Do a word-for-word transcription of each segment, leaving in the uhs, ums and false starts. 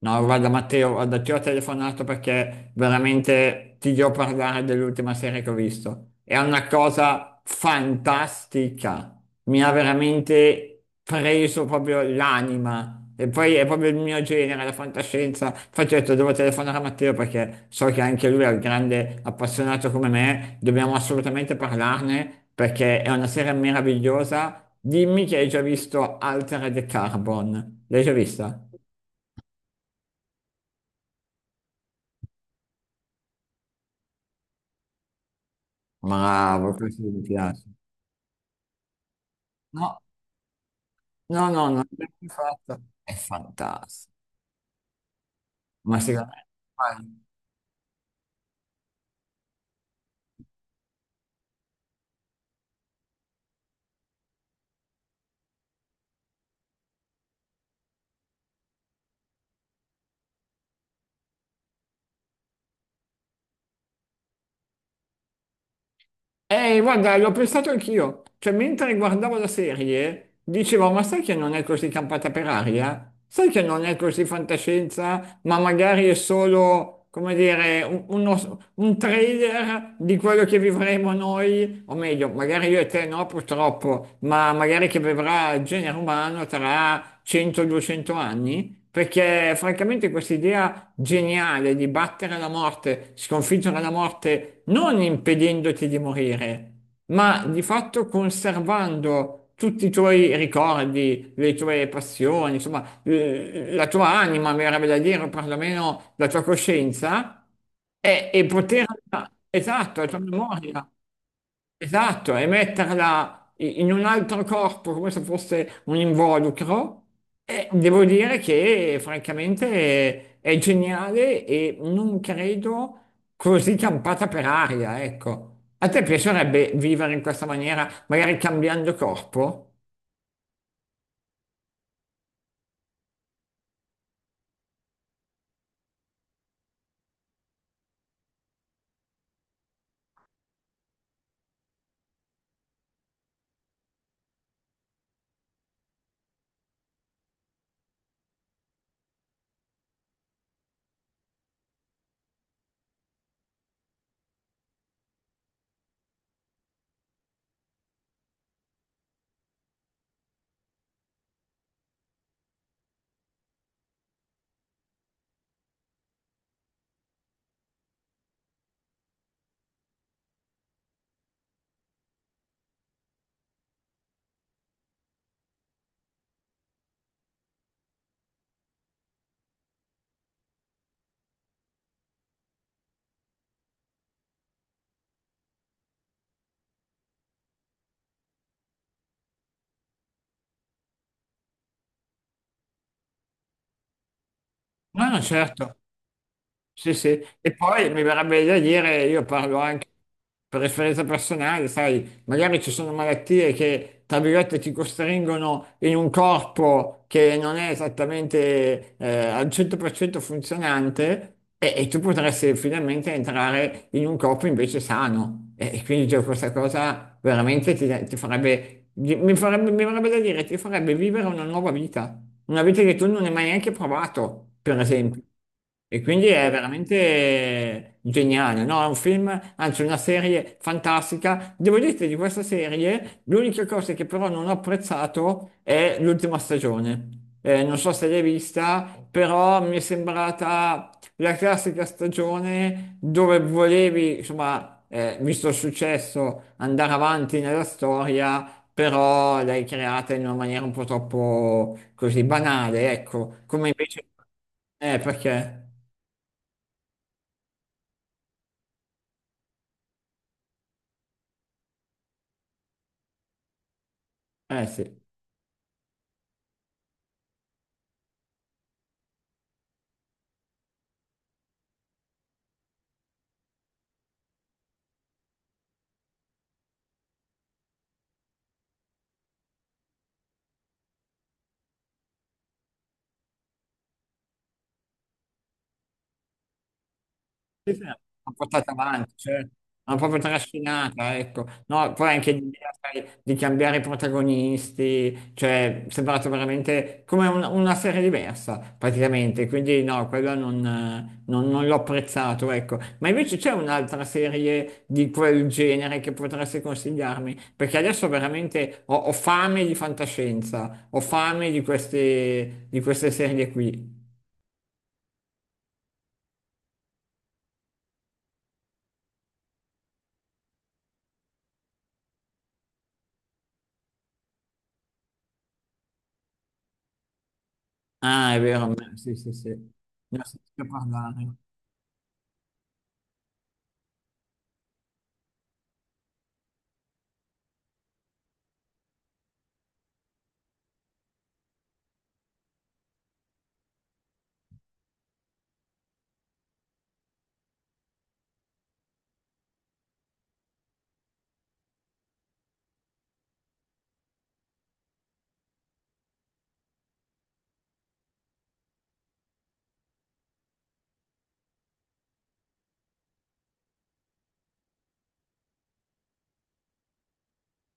No, guarda Matteo, guarda, ti ho telefonato perché veramente ti devo parlare dell'ultima serie che ho visto. È una cosa fantastica, mi ha veramente preso proprio l'anima e poi è proprio il mio genere, la fantascienza. Infatti ho detto devo telefonare a Matteo perché so che anche lui è un grande appassionato come me, dobbiamo assolutamente parlarne perché è una serie meravigliosa. Dimmi che hai già visto Altered Carbon, l'hai già vista? Bravo, questo mi piace. No, no, no, non l'ho mai fatto. È fantastico. Ma secondo me Eh, guarda, l'ho pensato anch'io. Cioè, mentre guardavo la serie, dicevo, ma sai che non è così campata per aria? Sai che non è così fantascienza, ma magari è solo, come dire, un, uno- un trailer di quello che vivremo noi, o meglio, magari io e te no, purtroppo, ma magari che vivrà il genere umano tra cento a duecento anni? Perché francamente questa idea geniale di battere la morte, sconfiggere la morte non impedendoti di morire, ma di fatto conservando tutti i tuoi ricordi, le tue passioni, insomma, l- la tua anima, mi verrebbe da dire, o perlomeno la tua coscienza, e, e poter, esatto, la tua memoria. Esatto, e metterla i- in un altro corpo come se fosse un involucro, e devo dire che francamente è è geniale e non credo così campata per aria, ecco. A te piacerebbe vivere in questa maniera, magari cambiando corpo? No, no, certo. Sì, sì, e poi mi verrebbe da dire, io parlo anche per esperienza personale, sai, magari ci sono malattie che, tra virgolette, ti costringono in un corpo che non è esattamente eh, al cento per cento funzionante e, e tu potresti finalmente entrare in un corpo invece sano. E, e quindi cioè, questa cosa veramente ti, ti farebbe, mi farebbe, mi verrebbe da dire, ti farebbe vivere una nuova vita. Una vite che tu non hai mai neanche provato, per esempio. E quindi è veramente geniale, no? È un film, anzi una serie fantastica. Devo dirti di questa serie, l'unica cosa che però non ho apprezzato è l'ultima stagione. Eh, non so se l'hai vista, però mi è sembrata la classica stagione dove volevi, insomma, eh, visto il successo, andare avanti nella storia però l'hai creata in una maniera un po' troppo così banale, ecco, come invece... Eh, perché? Eh sì. Sì, sì, l'hanno portata avanti, cioè, l'hanno proprio trascinata, ecco. No, poi anche l'idea, sai, di cambiare i protagonisti, cioè, è sembrato veramente come un- una serie diversa, praticamente. Quindi no, quello non, non- non l'ho apprezzato, ecco. Ma invece c'è un'altra serie di quel genere che potresti consigliarmi? Perché adesso veramente ho, ho fame di fantascienza, ho fame di queste, di queste serie qui. Ah, è vero, sì, sì, sì. Ne ho sentito parlare.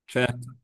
Certo.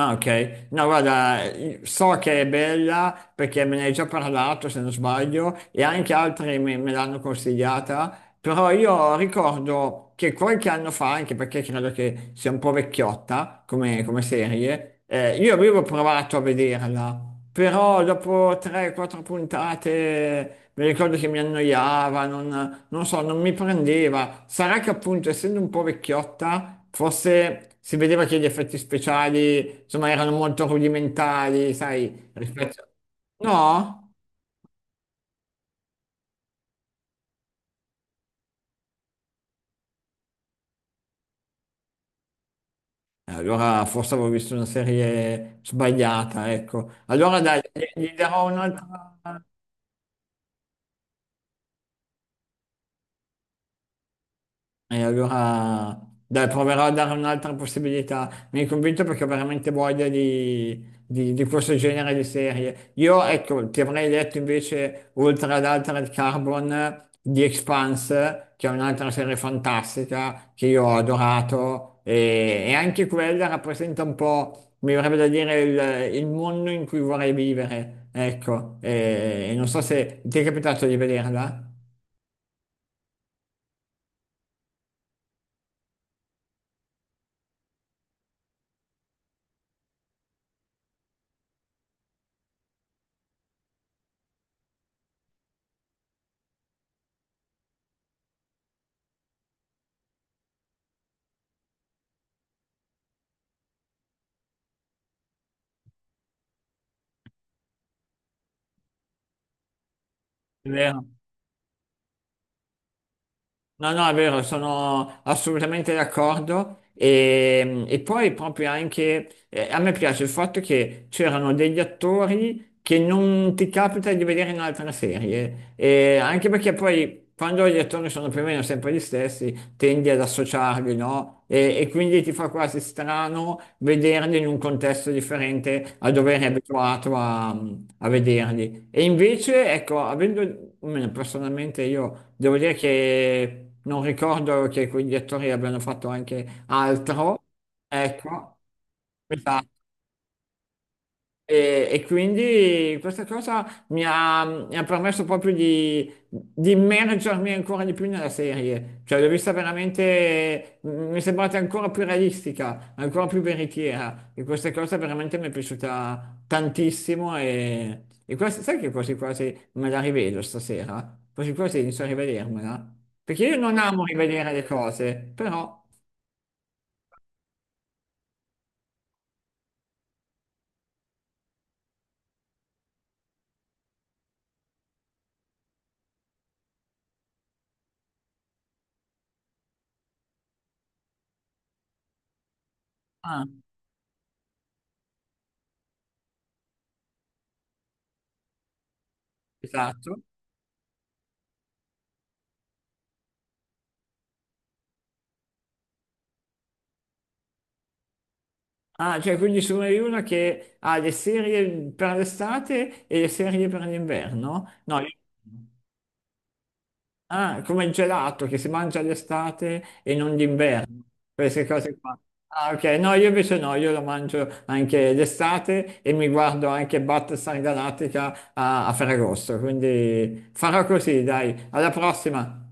Ah, ok. No, guarda, so che è bella perché me ne hai già parlato, se non sbaglio, e anche altri me, me l'hanno consigliata, però io ricordo che qualche anno fa, anche perché credo che sia un po' vecchiotta come, come serie, eh, io avevo provato a vederla, però dopo tre quattro puntate mi ricordo che mi annoiava, non, non so, non mi prendeva. Sarà che appunto, essendo un po' vecchiotta, forse si vedeva che gli effetti speciali, insomma, erano molto rudimentali, sai, rispetto... No? Eh, allora forse avevo visto una serie sbagliata, ecco. Allora dai, gli gli darò un'altra... E allora, dai, proverò a dare un'altra possibilità. Mi hai convinto perché ho veramente voglia di, di- di questo genere di serie. Io, ecco, ti avrei detto invece, oltre ad Altered Carbon, di Expanse, che è un'altra serie fantastica che io ho adorato e, e anche quella rappresenta un po', mi verrebbe da dire, il, il mondo in cui vorrei vivere. Ecco, e, e non so se ti è capitato di vederla. È vero. No, no, è vero, sono assolutamente d'accordo. E, e poi proprio anche eh, a me piace il fatto che c'erano degli attori che non ti capita di vedere in altre serie, e anche perché poi quando gli attori sono più o meno sempre gli stessi, tendi ad associarli, no? E, e quindi ti fa quasi strano vederli in un contesto differente a dove eri abituato a a vederli. E invece, ecco, avendo, almeno personalmente io devo dire che non ricordo che quegli attori abbiano fatto anche altro, ecco, e, e quindi questa cosa mi ha, mi ha permesso proprio di, di immergermi ancora di più nella serie, cioè l'ho vista veramente, mi è sembrata ancora più realistica, ancora più veritiera e questa cosa veramente mi è piaciuta tantissimo e, e quasi- sai che quasi quasi me la rivedo stasera? Quasi quasi inizio a rivedermela, perché io non amo rivedere le cose, però... Ah, esatto, ah, cioè quindi sono io una che ha le serie per l'estate e le serie per l'inverno? No, io- Ah, come il gelato che si mangia l'estate e non d'inverno, queste cose qua. Ah, ok, no, io invece no, io lo mangio anche l'estate e mi guardo anche Battlestar Galactica a, a Ferragosto, quindi farò così, dai, alla prossima!